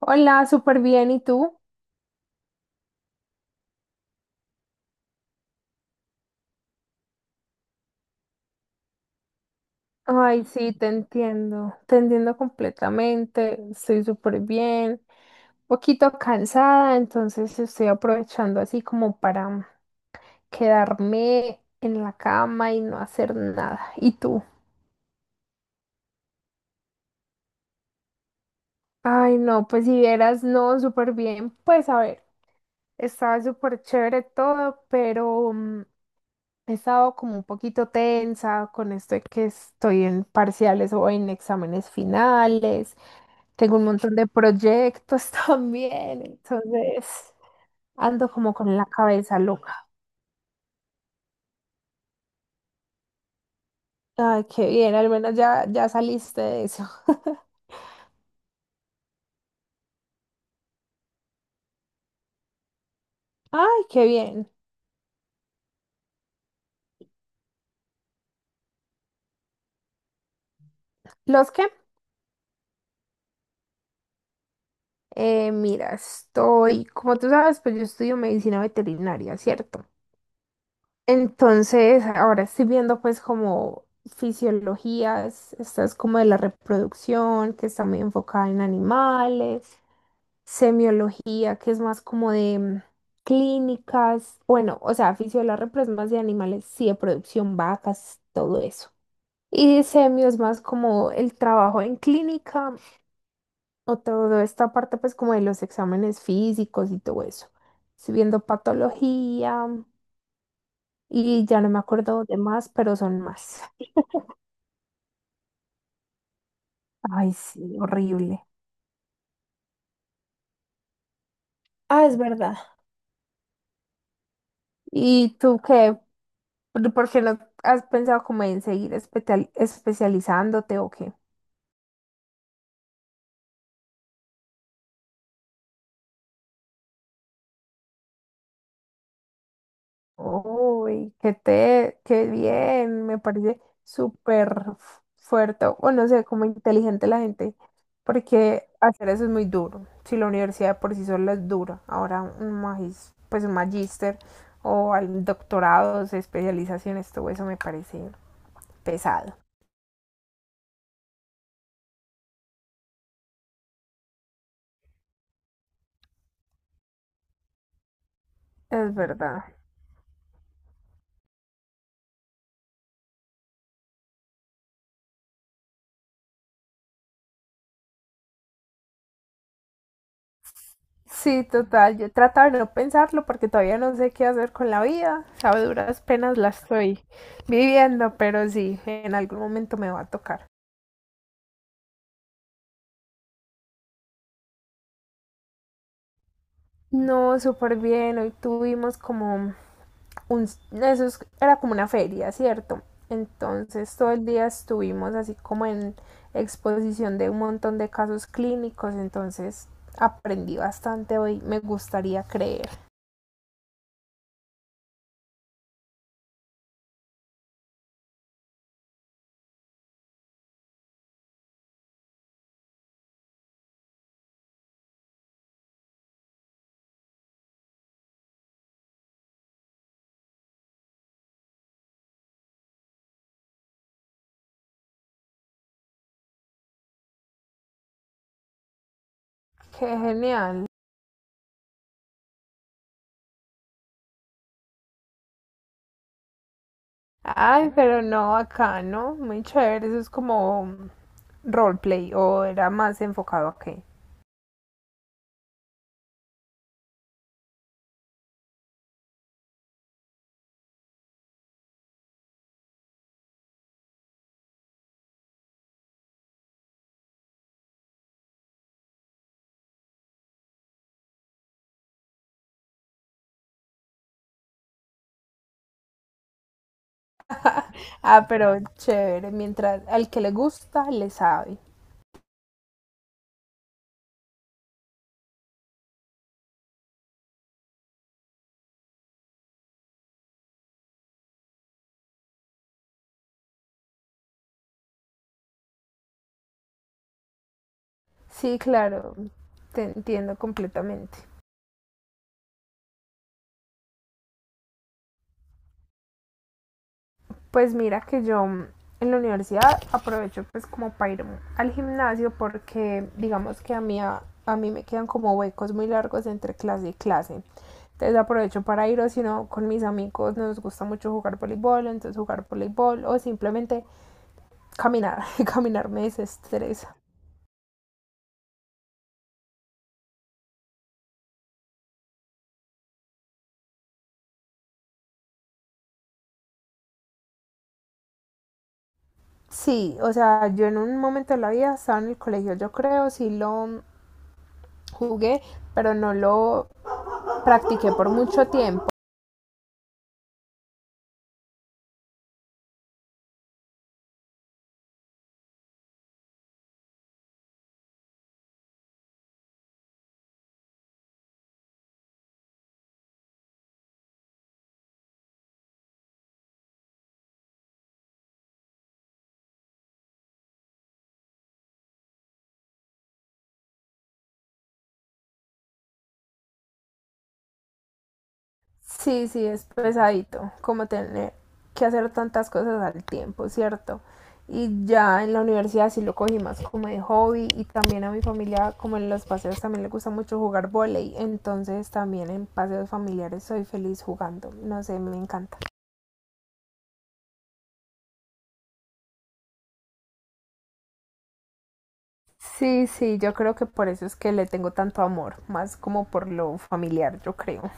Hola, súper bien. ¿Y tú? Ay, sí, te entiendo. Te entiendo completamente. Estoy súper bien. Un poquito cansada, entonces estoy aprovechando así como para quedarme en la cama y no hacer nada. ¿Y tú? Ay, no, pues si vieras, no, súper bien. Pues a ver, estaba súper chévere todo, pero he estado como un poquito tensa con esto de que estoy en parciales o en exámenes finales. Tengo un montón de proyectos también, entonces ando como con la cabeza loca. Ay, qué bien, al menos ya, ya saliste de eso. Ay, qué bien. ¿Los qué? Mira, estoy, como tú sabes, pues yo estudio medicina veterinaria, ¿cierto? Entonces, ahora estoy viendo pues como fisiologías, esta es como de la reproducción, que está muy enfocada en animales. Semiología, que es más como de clínicas, bueno, o sea, fisiología pero es más de animales, sí, de producción, vacas, todo eso. Y semio es más como el trabajo en clínica o toda esta parte pues como de los exámenes físicos y todo eso. Estoy viendo patología, y ya no me acuerdo de más, pero son más. Ay, sí, horrible. Ah, es verdad. ¿Y tú qué? ¿Por qué no has pensado como en seguir especializándote o qué? Uy, qué te, qué bien, me parece súper fuerte, bueno, o no sé, como inteligente la gente, porque hacer eso es muy duro. Si la universidad por sí sola es dura, ahora un magis, pues un magíster o al doctorado, especializaciones, todo eso me parece pesado. Es verdad. Sí, total, yo he tratado de no pensarlo porque todavía no sé qué hacer con la vida, o sea, a duras penas la estoy viviendo, pero sí, en algún momento me va a tocar. No, súper bien. Hoy tuvimos como un... Era como una feria, ¿cierto? Entonces todo el día estuvimos así como en exposición de un montón de casos clínicos. Entonces aprendí bastante hoy, me gustaría creer. Qué genial. Ay, pero no, acá, ¿no? Muy chévere. Eso es como roleplay o era más enfocado a qué. Ah, pero chévere. Mientras al que le gusta, le sabe. Sí, claro, te entiendo completamente. Pues mira que yo en la universidad aprovecho pues como para ir al gimnasio porque digamos que a mí, a mí me quedan como huecos muy largos entre clase y clase. Entonces aprovecho para ir o si no con mis amigos nos gusta mucho jugar voleibol, entonces jugar voleibol o simplemente caminar, caminar me desestresa. Sí, o sea, yo en un momento de la vida estaba en el colegio, yo creo, sí lo jugué, pero no lo practiqué por mucho tiempo. Sí, sí, es pesadito, como tener que hacer tantas cosas al tiempo, ¿cierto? Y ya en la universidad sí lo cogí más como de hobby y también a mi familia, como en los paseos, también le gusta mucho jugar volei. Entonces también en paseos familiares soy feliz jugando. No sé, me encanta. Sí, sí, yo creo que por eso es que le tengo tanto amor, más como por lo familiar, yo creo.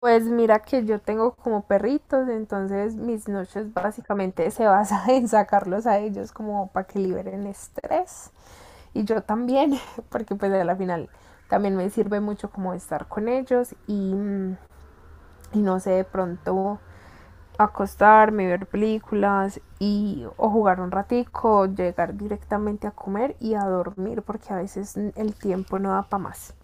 Pues mira que yo tengo como perritos, entonces mis noches básicamente se basan en sacarlos a ellos como para que liberen estrés y yo también, porque pues a la final también me sirve mucho como estar con ellos y, y no sé, de pronto acostarme, ver películas y o jugar un ratico, llegar directamente a comer y a dormir, porque a veces el tiempo no da para más.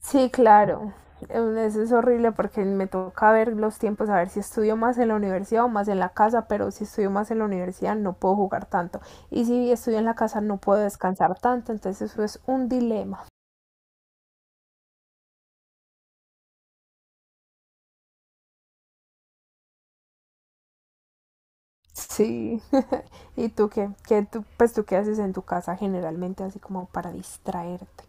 Sí, claro. Em, eso es horrible porque me toca ver los tiempos, a ver si estudio más en la universidad o más en la casa, pero si estudio más en la universidad no puedo jugar tanto. Y si estudio en la casa no puedo descansar tanto, entonces eso es un dilema. Sí. ¿Y tú qué? Pues tú qué haces en tu casa generalmente así como para distraerte?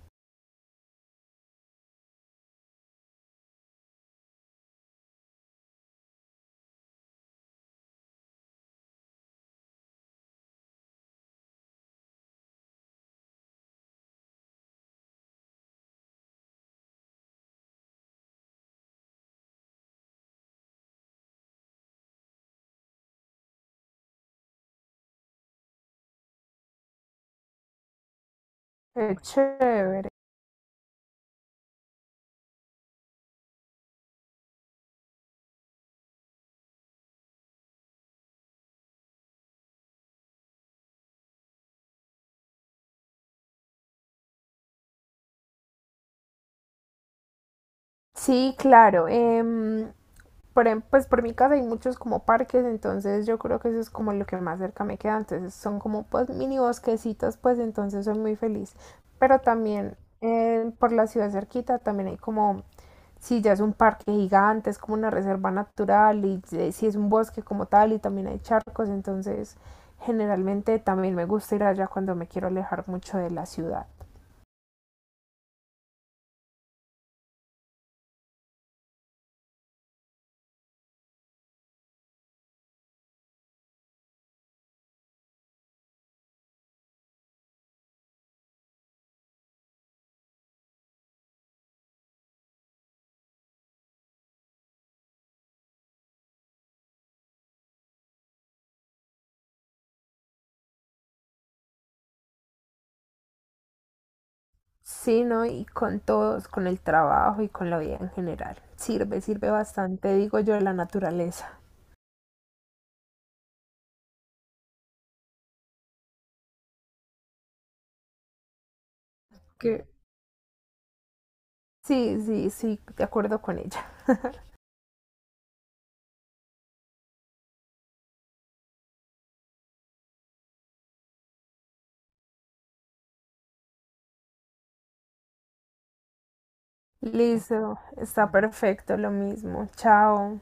Qué chévere. Sí, claro. Por, pues por mi casa hay muchos como parques, entonces yo creo que eso es como lo que más cerca me queda, entonces son como pues mini bosquecitos, pues entonces soy muy feliz. Pero también por la ciudad cerquita también hay como, si ya es un parque gigante, es como una reserva natural y si es un bosque como tal y también hay charcos, entonces generalmente también me gusta ir allá cuando me quiero alejar mucho de la ciudad. Sí, ¿no? Y con todos, con el trabajo y con la vida en general. Sirve, sirve bastante, digo yo, la naturaleza. Que sí, sí, sí, de acuerdo con ella. Listo, está perfecto, lo mismo. Chao.